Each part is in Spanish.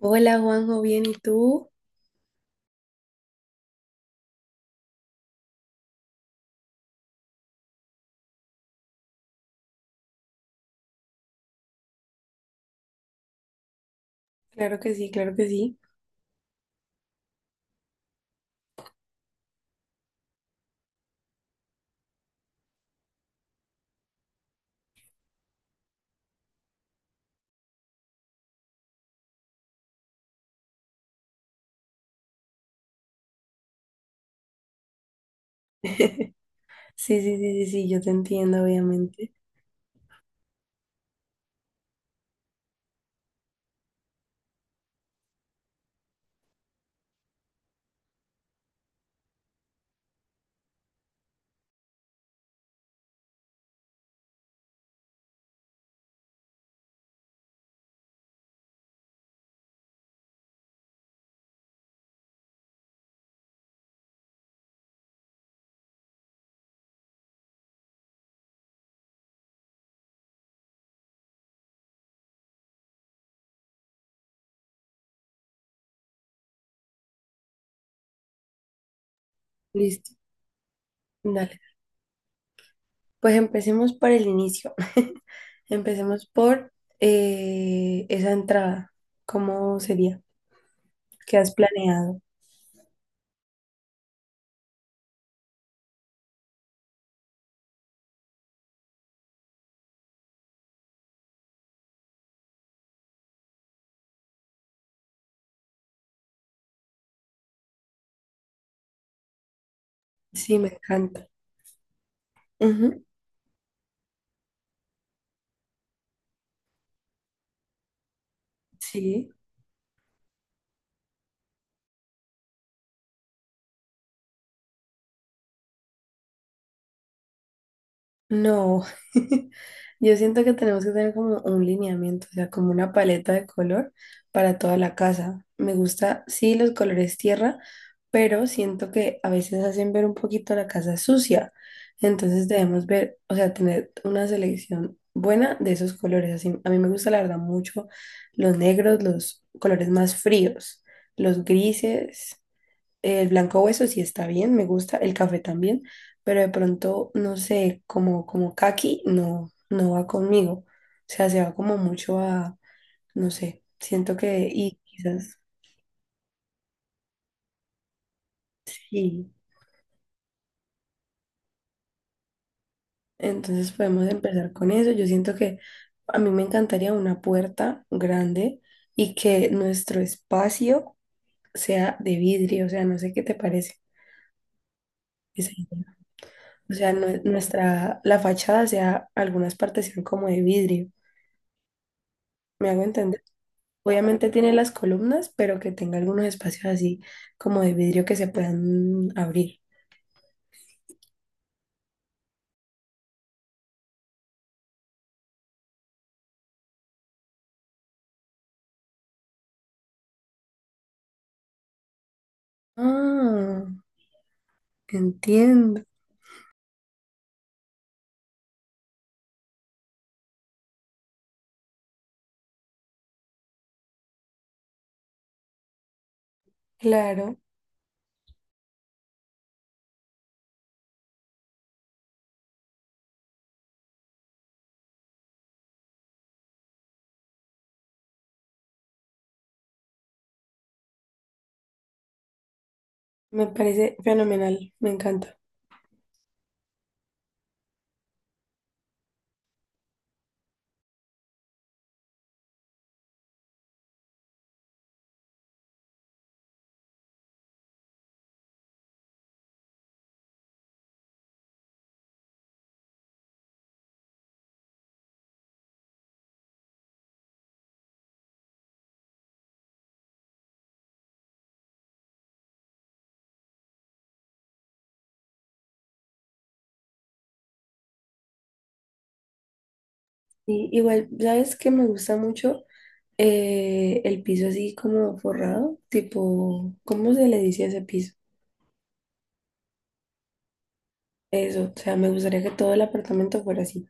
Hola Juanjo, ¿bien y tú? Claro que sí, claro que sí. Sí, sí, sí, sí, sí, yo te entiendo, obviamente. Listo, dale. Pues empecemos por el inicio. Empecemos por esa entrada. ¿Cómo sería? ¿Qué has planeado? Sí, me encanta. Ujú. Sí. No, yo siento que tenemos que tener como un lineamiento, o sea, como una paleta de color para toda la casa. Me gusta, sí, los colores tierra, pero siento que a veces hacen ver un poquito la casa sucia. Entonces debemos ver, o sea, tener una selección buena de esos colores. Así, a mí me gusta, la verdad, mucho los negros, los colores más fríos, los grises. El blanco hueso sí está bien, me gusta, el café también, pero de pronto, no sé, como, como caqui no va conmigo. O sea, se va como mucho a, no sé, siento que, y quizás sí. Entonces podemos empezar con eso. Yo siento que a mí me encantaría una puerta grande y que nuestro espacio sea de vidrio, o sea, no sé qué te parece esa idea. O sea, nuestra, la fachada sea, algunas partes sean como de vidrio. ¿Me hago entender? Obviamente tiene las columnas, pero que tenga algunos espacios así como de vidrio que se puedan abrir. Ah, entiendo. Claro, me parece fenomenal, me encanta. Y igual, ¿sabes qué me gusta mucho? El piso así como forrado, tipo, ¿cómo se le dice a ese piso? Eso, o sea, me gustaría que todo el apartamento fuera así.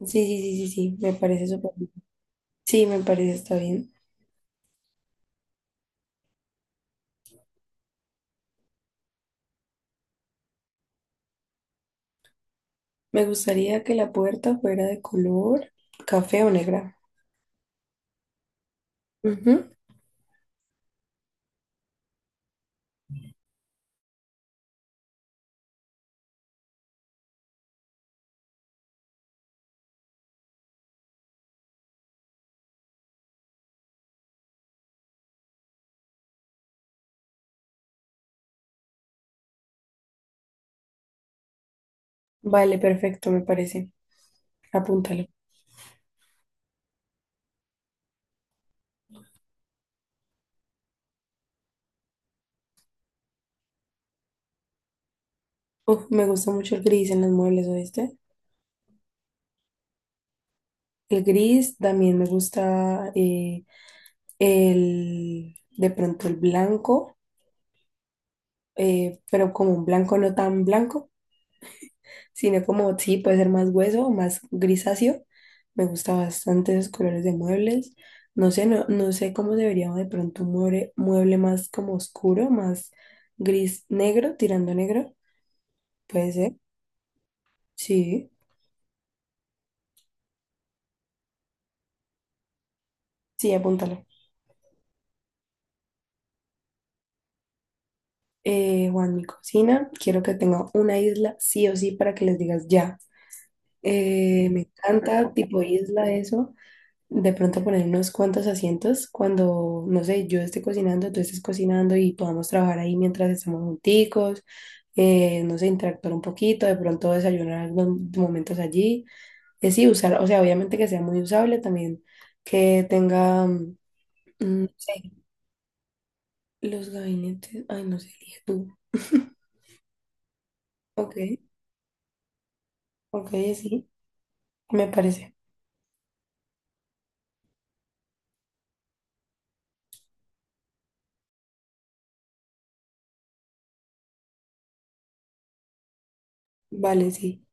Sí, sí, sí, sí, sí, me parece súper bien. Sí, me parece está bien. Me gustaría que la puerta fuera de color café o negra. Ujú. Vale, perfecto, me parece. Apúntalo. Uf, me gusta mucho el gris en los muebles, ¿oíste? El gris también me gusta el, de pronto el blanco, pero como un blanco no tan blanco, sino como sí, puede ser más hueso más grisáceo. Me gusta bastante esos colores de muebles. No sé, no, no sé cómo debería de pronto un mueble, mueble más como oscuro, más gris negro, tirando a negro. Puede ser. Sí, sí, apúntalo. Juan, mi cocina, quiero que tenga una isla sí o sí para que les digas ya. Me encanta, tipo isla, eso. De pronto poner unos cuantos asientos cuando, no sé, yo esté cocinando, tú estés cocinando y podamos trabajar ahí mientras estamos junticos. No sé, interactuar un poquito, de pronto desayunar algunos momentos allí. Es sí, usar, o sea, obviamente que sea muy usable también, que tenga, no sé, los gabinetes. Ay, no sé, elige tú. Ok, ok, sí. Me parece. Vale, sí,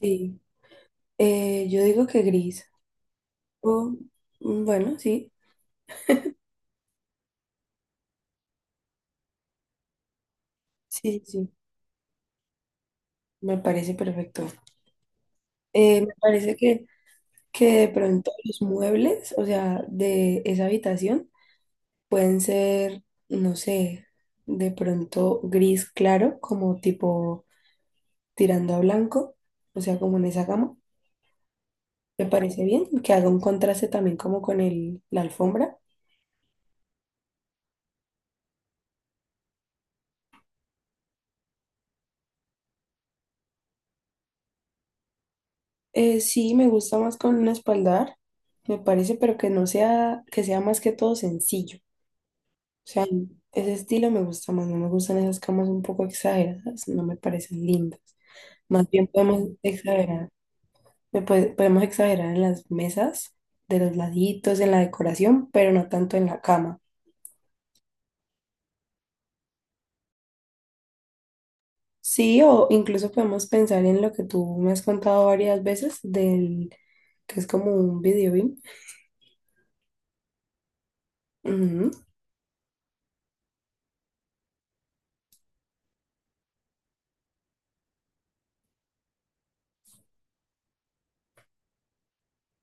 sí. Yo digo que gris. O, bueno, sí, sí, sí, sí, me parece perfecto. Me parece que de pronto los muebles, o sea, de esa habitación, pueden ser, no sé, de pronto gris claro, como tipo tirando a blanco, o sea, como en esa gama. Me parece bien que haga un contraste también como con el, la alfombra. Sí, me gusta más con un espaldar, me parece, pero que no sea, que sea más que todo sencillo. O sea, ese estilo me gusta más, no me gustan esas camas un poco exageradas, no me parecen lindas. Más bien podemos exagerar, podemos exagerar en las mesas, de los laditos, en la decoración, pero no tanto en la cama. Sí, o incluso podemos pensar en lo que tú me has contado varias veces del que es como un video beam. Ujú,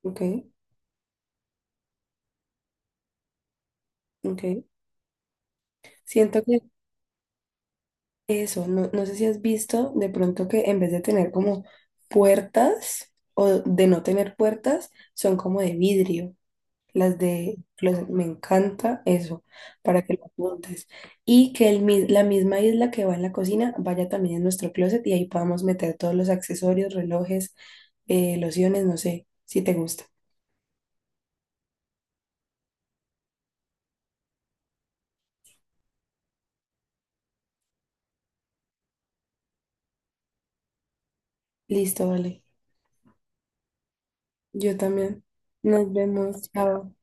ok, ok. Siento que eso, no, no sé si has visto de pronto que en vez de tener como puertas o de no tener puertas, son como de vidrio. Las de los, me encanta eso, para que lo apuntes. Y que el, la misma isla que va en la cocina vaya también en nuestro closet y ahí podamos meter todos los accesorios, relojes, lociones, no sé, si te gusta. Listo, vale. Yo también. Nos vemos. Chao.